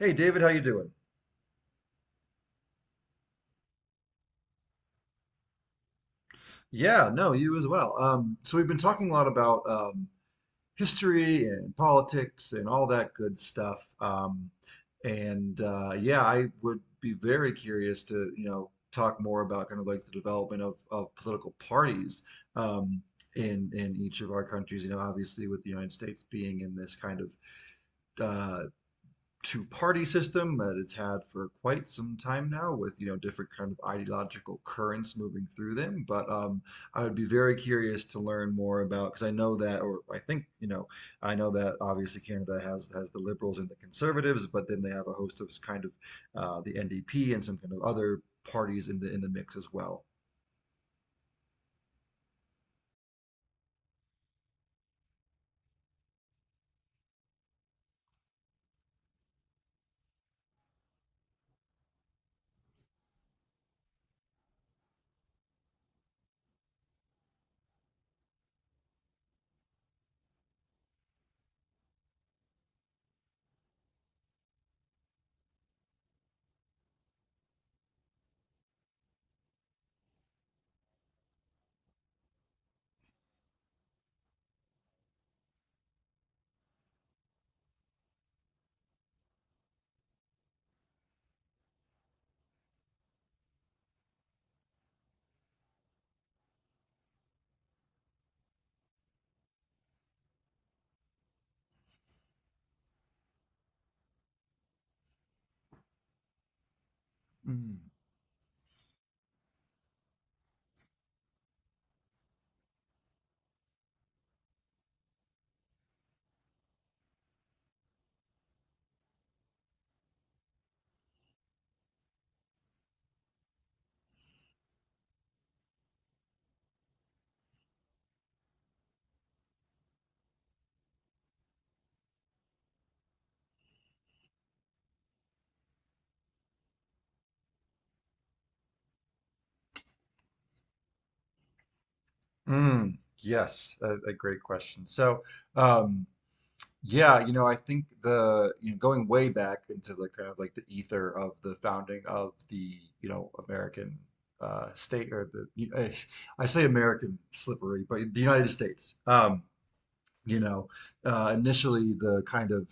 Hey David, how you doing? Yeah, no, you as well. So we've been talking a lot about history and politics and all that good stuff. And Yeah, I would be very curious to, you know, talk more about kind of like the development of political parties, um, in each of our countries. You know, obviously with the United States being in this kind of uh, two party system that it's had for quite some time now with, you know, different kind of ideological currents moving through them, but I would be very curious to learn more about because I know that, or I think, you know, I know that obviously canada has the liberals and the conservatives, but then they have a host of kind of the ndp and some kind of other parties in the mix as well. mm. Mm. Yes, a great question. Um, Yeah, you know, I think the, you know, going way back into the kind of like the ether of the founding of the, you know, American state, or the I say American slippery, but the United States. You know, initially the kind of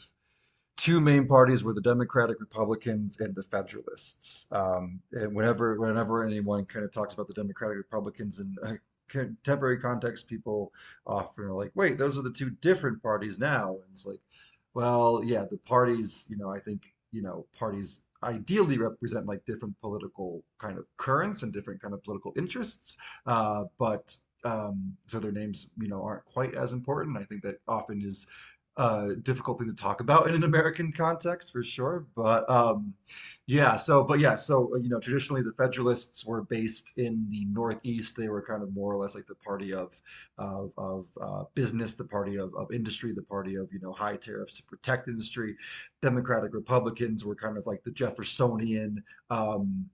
two main parties were the Democratic Republicans and the Federalists. And whenever anyone kind of talks about the Democratic Republicans in a contemporary context, people often are like, "Wait, those are the two different parties now." And it's like, well, yeah, the parties, you know, I think, you know, parties ideally represent like different political kind of currents and different kind of political interests, but so their names, you know, aren't quite as important. I think that often is difficult thing to talk about in an American context for sure. But Yeah, so, but yeah, so, you know, traditionally the Federalists were based in the Northeast. They were kind of more or less like the party of business, the party of industry, the party of, you know, high tariffs to protect industry. Democratic Republicans were kind of like the Jeffersonian. Um,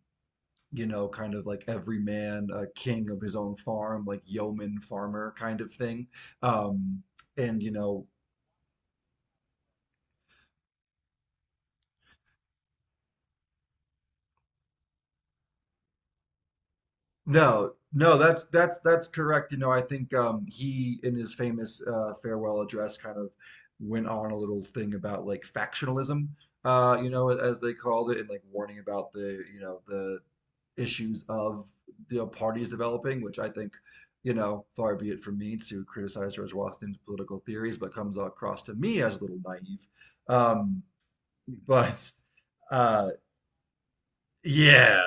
you know, kind of like every man, a king of his own farm, like yeoman farmer kind of thing. Um, and you know No, no, that's that's correct. You know, I think he in his famous farewell address kind of went on a little thing about like factionalism, you know, as they called it, and like warning about the, you know, the issues of, you know, parties developing, which I think, you know, far be it from me to criticize George Washington's political theories, but comes across to me as a little naive. Um, but uh yeah.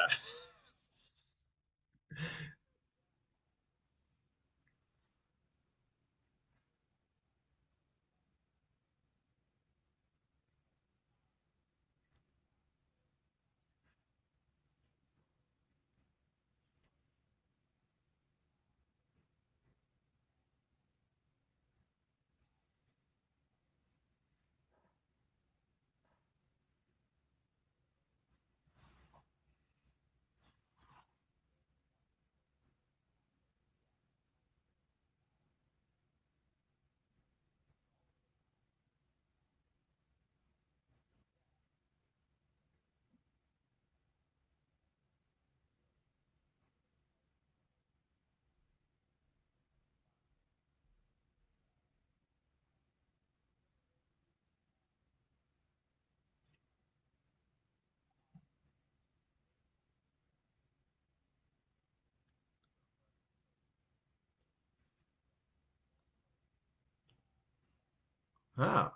Ah,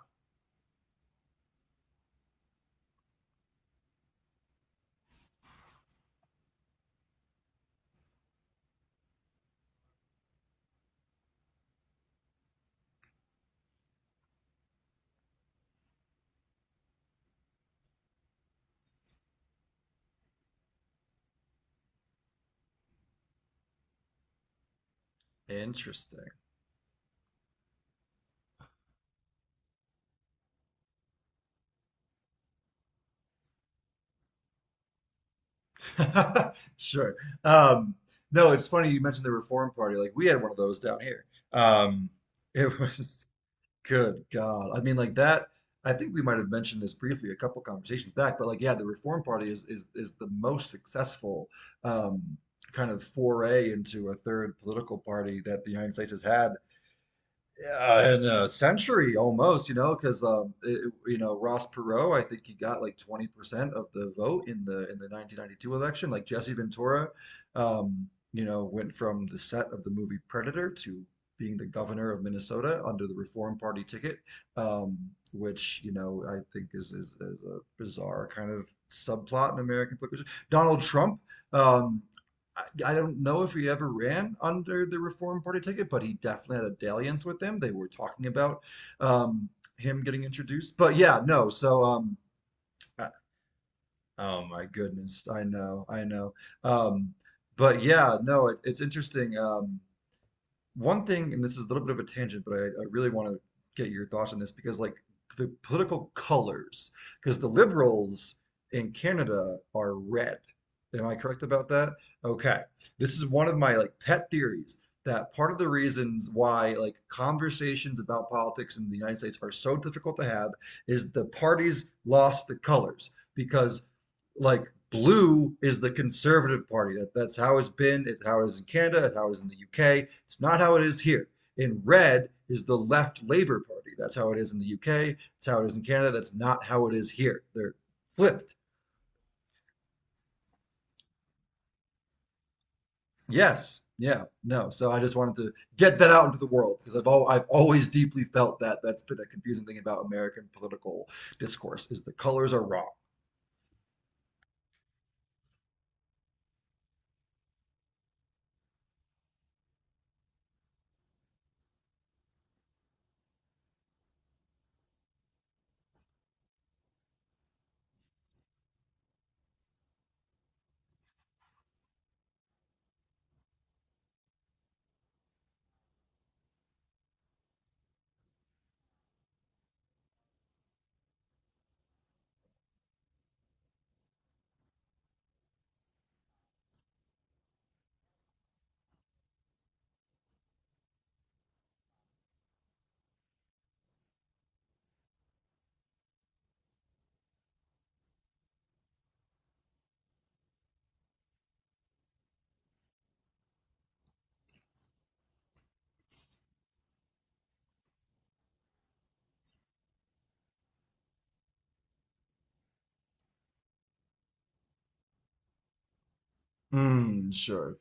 interesting. Sure. Um, no, it's funny you mentioned the Reform Party. Like we had one of those down here. Um, it was good God. I mean, like that. I think we might have mentioned this briefly a couple conversations back, but like, yeah, the Reform Party is is the most successful um, kind of foray into a third political party that the United States has had, yeah, and a century almost, you know, because it, you know Ross Perot, I think he got like 20% of the vote in the 1992 election. Like Jesse Ventura, you know, went from the set of the movie Predator to being the governor of Minnesota under the Reform Party ticket, um, which, you know, I think is a bizarre kind of subplot in American politics. Donald Trump. Um, I don't know if he ever ran under the Reform Party ticket, but he definitely had a dalliance with them. They were talking about um, him getting introduced. But yeah, no. I- oh my goodness, I know, I know. Um, but yeah, no, it's interesting. One thing, and this is a little bit of a tangent, but I really want to get your thoughts on this because, like, the political colors, because the liberals in Canada are red. Am I correct about that? Okay. This is one of my like pet theories that part of the reasons why like conversations about politics in the United States are so difficult to have is the parties lost the colors because, like, blue is the conservative party. That's how it's been, it's how it is in Canada, it's how it is in the UK. It's not how it is here. In red is the left Labour Party. That's how it is in the UK. It's how it is in Canada. That's not how it is here. They're flipped. Yes. Yeah. No. So I just wanted to get that out into the world because I've I've always deeply felt that that's been a confusing thing about American political discourse is the colors are wrong. Mm, sure.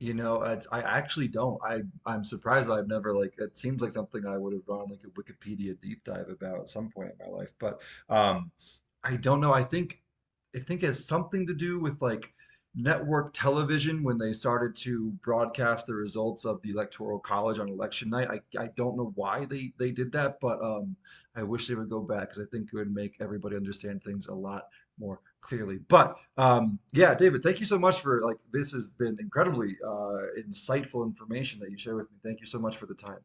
You know, I actually don't. I'm surprised that I've never, like, it seems like something I would have done like a Wikipedia deep dive about at some point in my life. But um I don't know. I think it has something to do with like network television when they started to broadcast the results of the Electoral College on election night. I don't know why they did that, but I wish they would go back because I think it would make everybody understand things a lot more clearly. But yeah, David, thank you so much for like this has been incredibly insightful information that you share with me. Thank you so much for the time.